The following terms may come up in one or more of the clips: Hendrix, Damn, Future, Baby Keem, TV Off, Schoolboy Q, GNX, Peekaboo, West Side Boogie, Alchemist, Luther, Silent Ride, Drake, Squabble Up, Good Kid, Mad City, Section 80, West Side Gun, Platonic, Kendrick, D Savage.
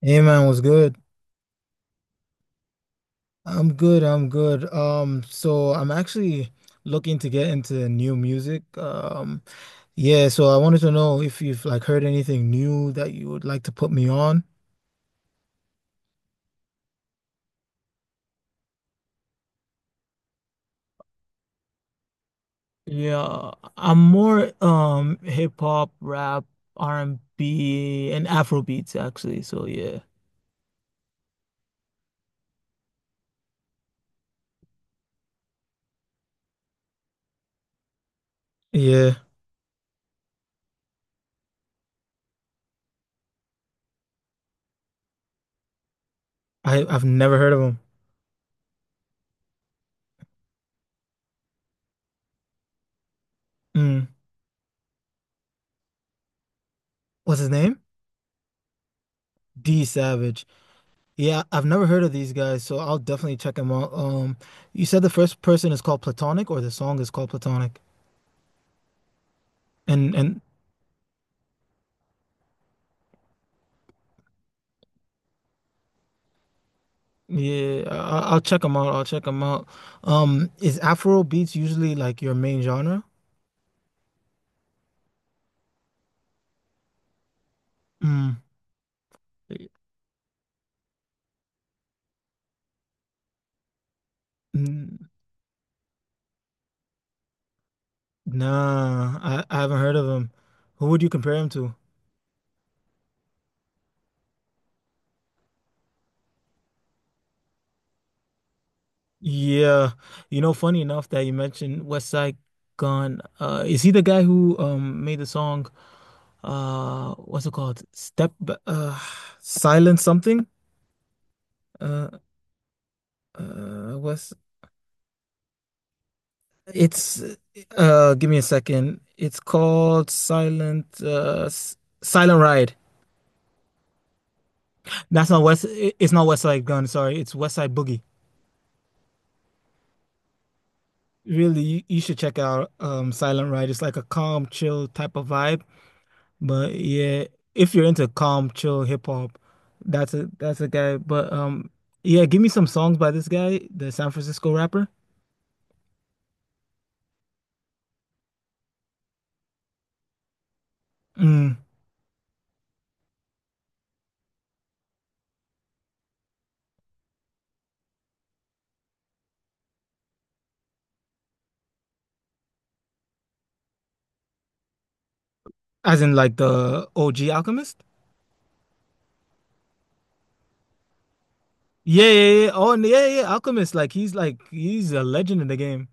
Hey man, was good? I'm good. So I'm actually looking to get into new music. Yeah, so I wanted to know if you've like heard anything new that you would like to put me on. Yeah, I'm more hip hop, rap, R&B, and B, and Afro beats actually. So yeah. Yeah, I've never heard of him. Mm. What's his name? D Savage. Yeah, I've never heard of these guys, so I'll definitely check them out. You said the first person is called Platonic, or the song is called Platonic, and yeah, I'll check them out. I'll check them out. Is Afro beats usually like your main genre? Mm. N- Nah, I haven't heard of him. Who would you compare him to? Yeah, you know, funny enough that you mentioned West Side Gun. Is he the guy who made the song? What's it called? Silent something. Uh, what's it's Give me a second. It's called Silent. Silent Ride. That's not West. It's not West Side Gun. Sorry, it's West Side Boogie. Really, you should check out Silent Ride. It's like a calm, chill type of vibe. But yeah, if you're into calm, chill hip hop, that's a guy. But yeah, give me some songs by this guy, the San Francisco rapper. Mm. As in like the OG Alchemist? Yeah, yeah, yeah, yeah. Oh, and yeah, yeah. Alchemist, he's a legend in the game.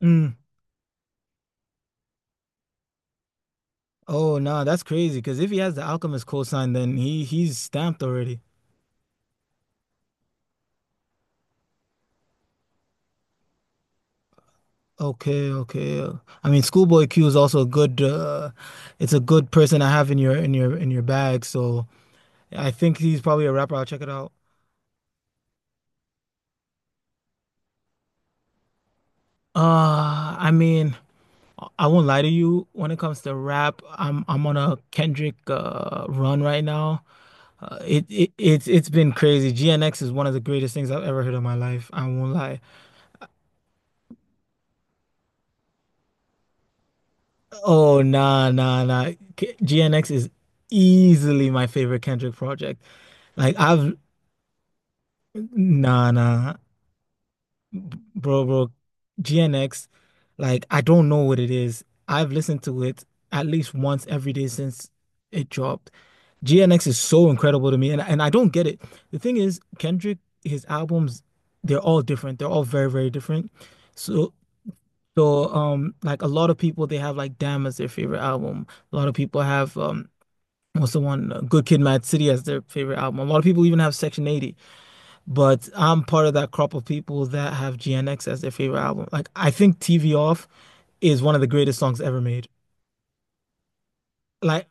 Mm. Oh, nah, that's crazy. Because if he has the Alchemist cosign, then he's stamped already. Okay, okay. I mean, Schoolboy Q is also a good. It's a good person to have in your in your in your bag. So. I think he's probably a rapper. I'll check it out. I mean, I won't lie to you. When it comes to rap, I'm on a Kendrick run right now. It's been crazy. GNX is one of the greatest things I've ever heard in my life. I won't lie. Oh, nah. GNX is easily my favorite Kendrick project. Like I've Nah, nah. Bro, bro, GNX, like I don't know what it is. I've listened to it at least once every day since it dropped. GNX is so incredible to me, and I don't get it. The thing is, Kendrick, his albums, they're all different. They're all very, very different. So, so, like a lot of people, they have like Damn as their favorite album. A lot of people have what's the one? Good Kid, Mad City as their favorite album. A lot of people even have Section 80. But I'm part of that crop of people that have GNX as their favorite album. Like, I think TV Off is one of the greatest songs ever made. Like,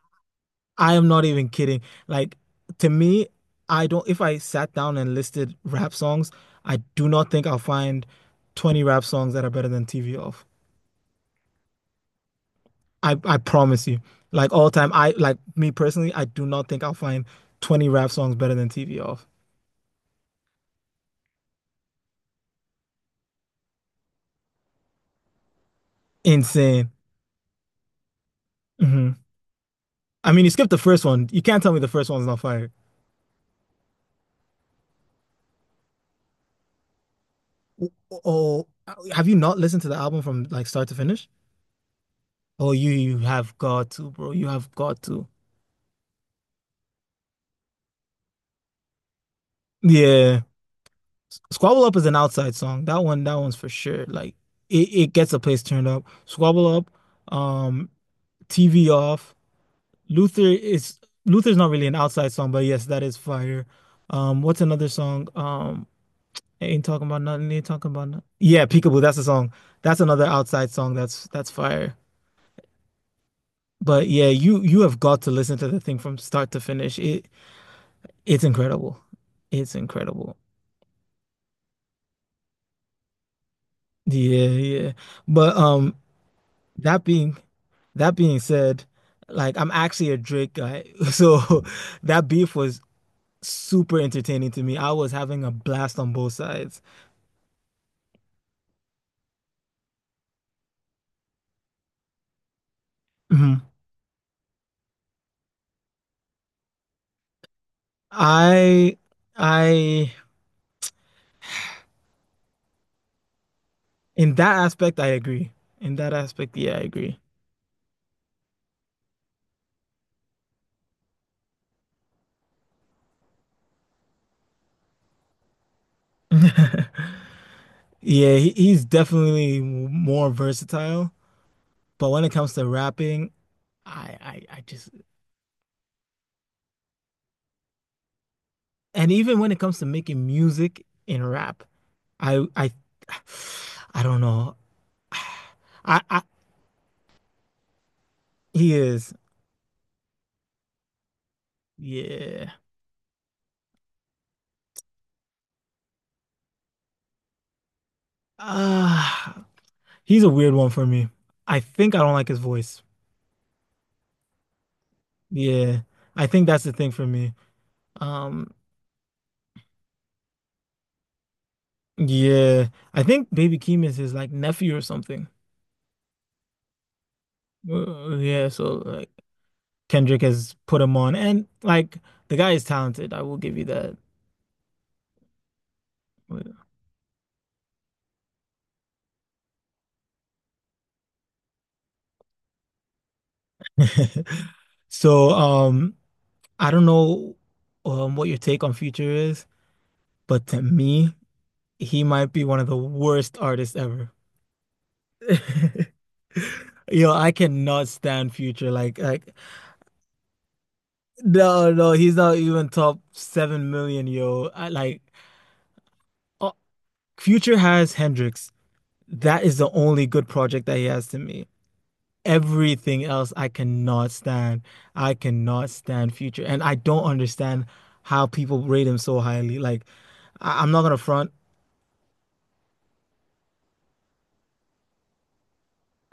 I am not even kidding. Like, to me, I don't, if I sat down and listed rap songs, I do not think I'll find 20 rap songs that are better than TV Off. I promise you. Like, all time, me personally, I do not think I'll find 20 rap songs better than TV Off. Insane. Hmm. I mean, you skipped the first one. You can't tell me the first one's not fire. Oh, have you not listened to the album from like start to finish? Oh, you have got to, bro. You have got to. Yeah. Squabble Up is an outside song. That one, that one's for sure. Like it gets the place turned up. Squabble Up, um, TV off. Luther is Luther's not really an outside song, but yes, that is fire. What's another song? Ain't talking about nothing, ain't talking about nothing. Yeah, Peekaboo, that's a song. That's another outside song that's fire. But yeah, you have got to listen to the thing from start to finish. It's incredible. It's incredible. Yeah, yeah. But that being that being said, like I'm actually a Drake guy. So that beef was super entertaining to me. I was having a blast on both sides. Mhm. I I In that aspect I agree. In that aspect, yeah, I agree. Yeah, he's definitely more versatile, but when it comes to rapping, I just and even when it comes to making music in rap, I I don't know. I He is yeah. Uh, he's a weird one for me. I think I don't like his voice. Yeah. I think that's the thing for me. Um yeah. I think Baby Keem is his like nephew or something. Yeah, so like Kendrick has put him on and like the guy is talented. I will give you that. So, I don't know what your take on Future is, but to me, he might be one of the worst artists ever. Yo, I cannot stand Future. No, no, he's not even top 7,000,000. Uh, Future has Hendrix. That is the only good project that he has to me. Everything else, I cannot stand. I cannot stand Future, and I don't understand how people rate him so highly. Like, I'm not gonna front.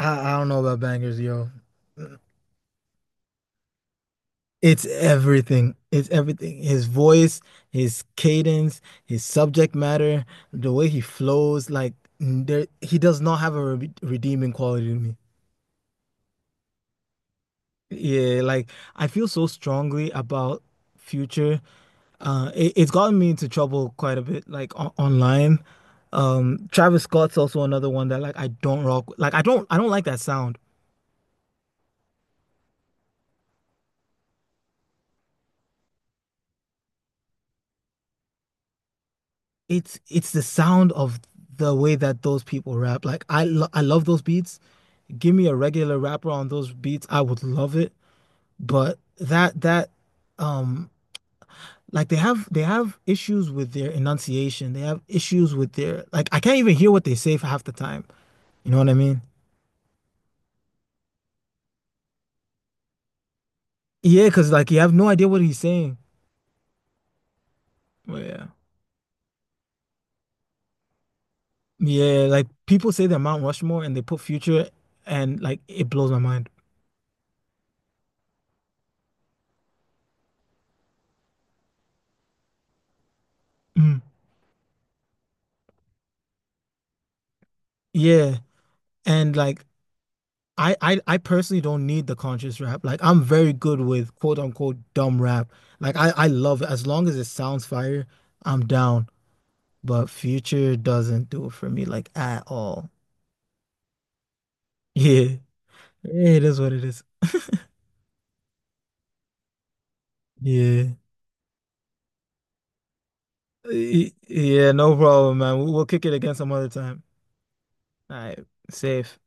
I don't know about bangers, yo. It's everything. It's everything. His voice, his cadence, his subject matter, the way he flows, like there, he does not have a re redeeming quality to me. Yeah, like I feel so strongly about Future. It's gotten me into trouble quite a bit, like on online. Travis Scott's also another one that like I don't rock. Like I don't like that sound. It's the sound of the way that those people rap. I love those beats. Give me a regular rapper on those beats, I would love it. But that that um like they have issues with their enunciation. They have issues with their like I can't even hear what they say for half the time. You know what I mean? Yeah, because like you have no idea what he's saying. But yeah. Yeah, like people say they're Mount Rushmore and they put Future and like it blows my mind. Mm. Yeah. And like I personally don't need the conscious rap. Like I'm very good with quote unquote dumb rap. Like I love it. As long as it sounds fire, I'm down. But Future doesn't do it for me like at all. Yeah, yeah, it is what it is. Yeah, yeah, no problem, man. We'll kick it again some other time. All right, safe.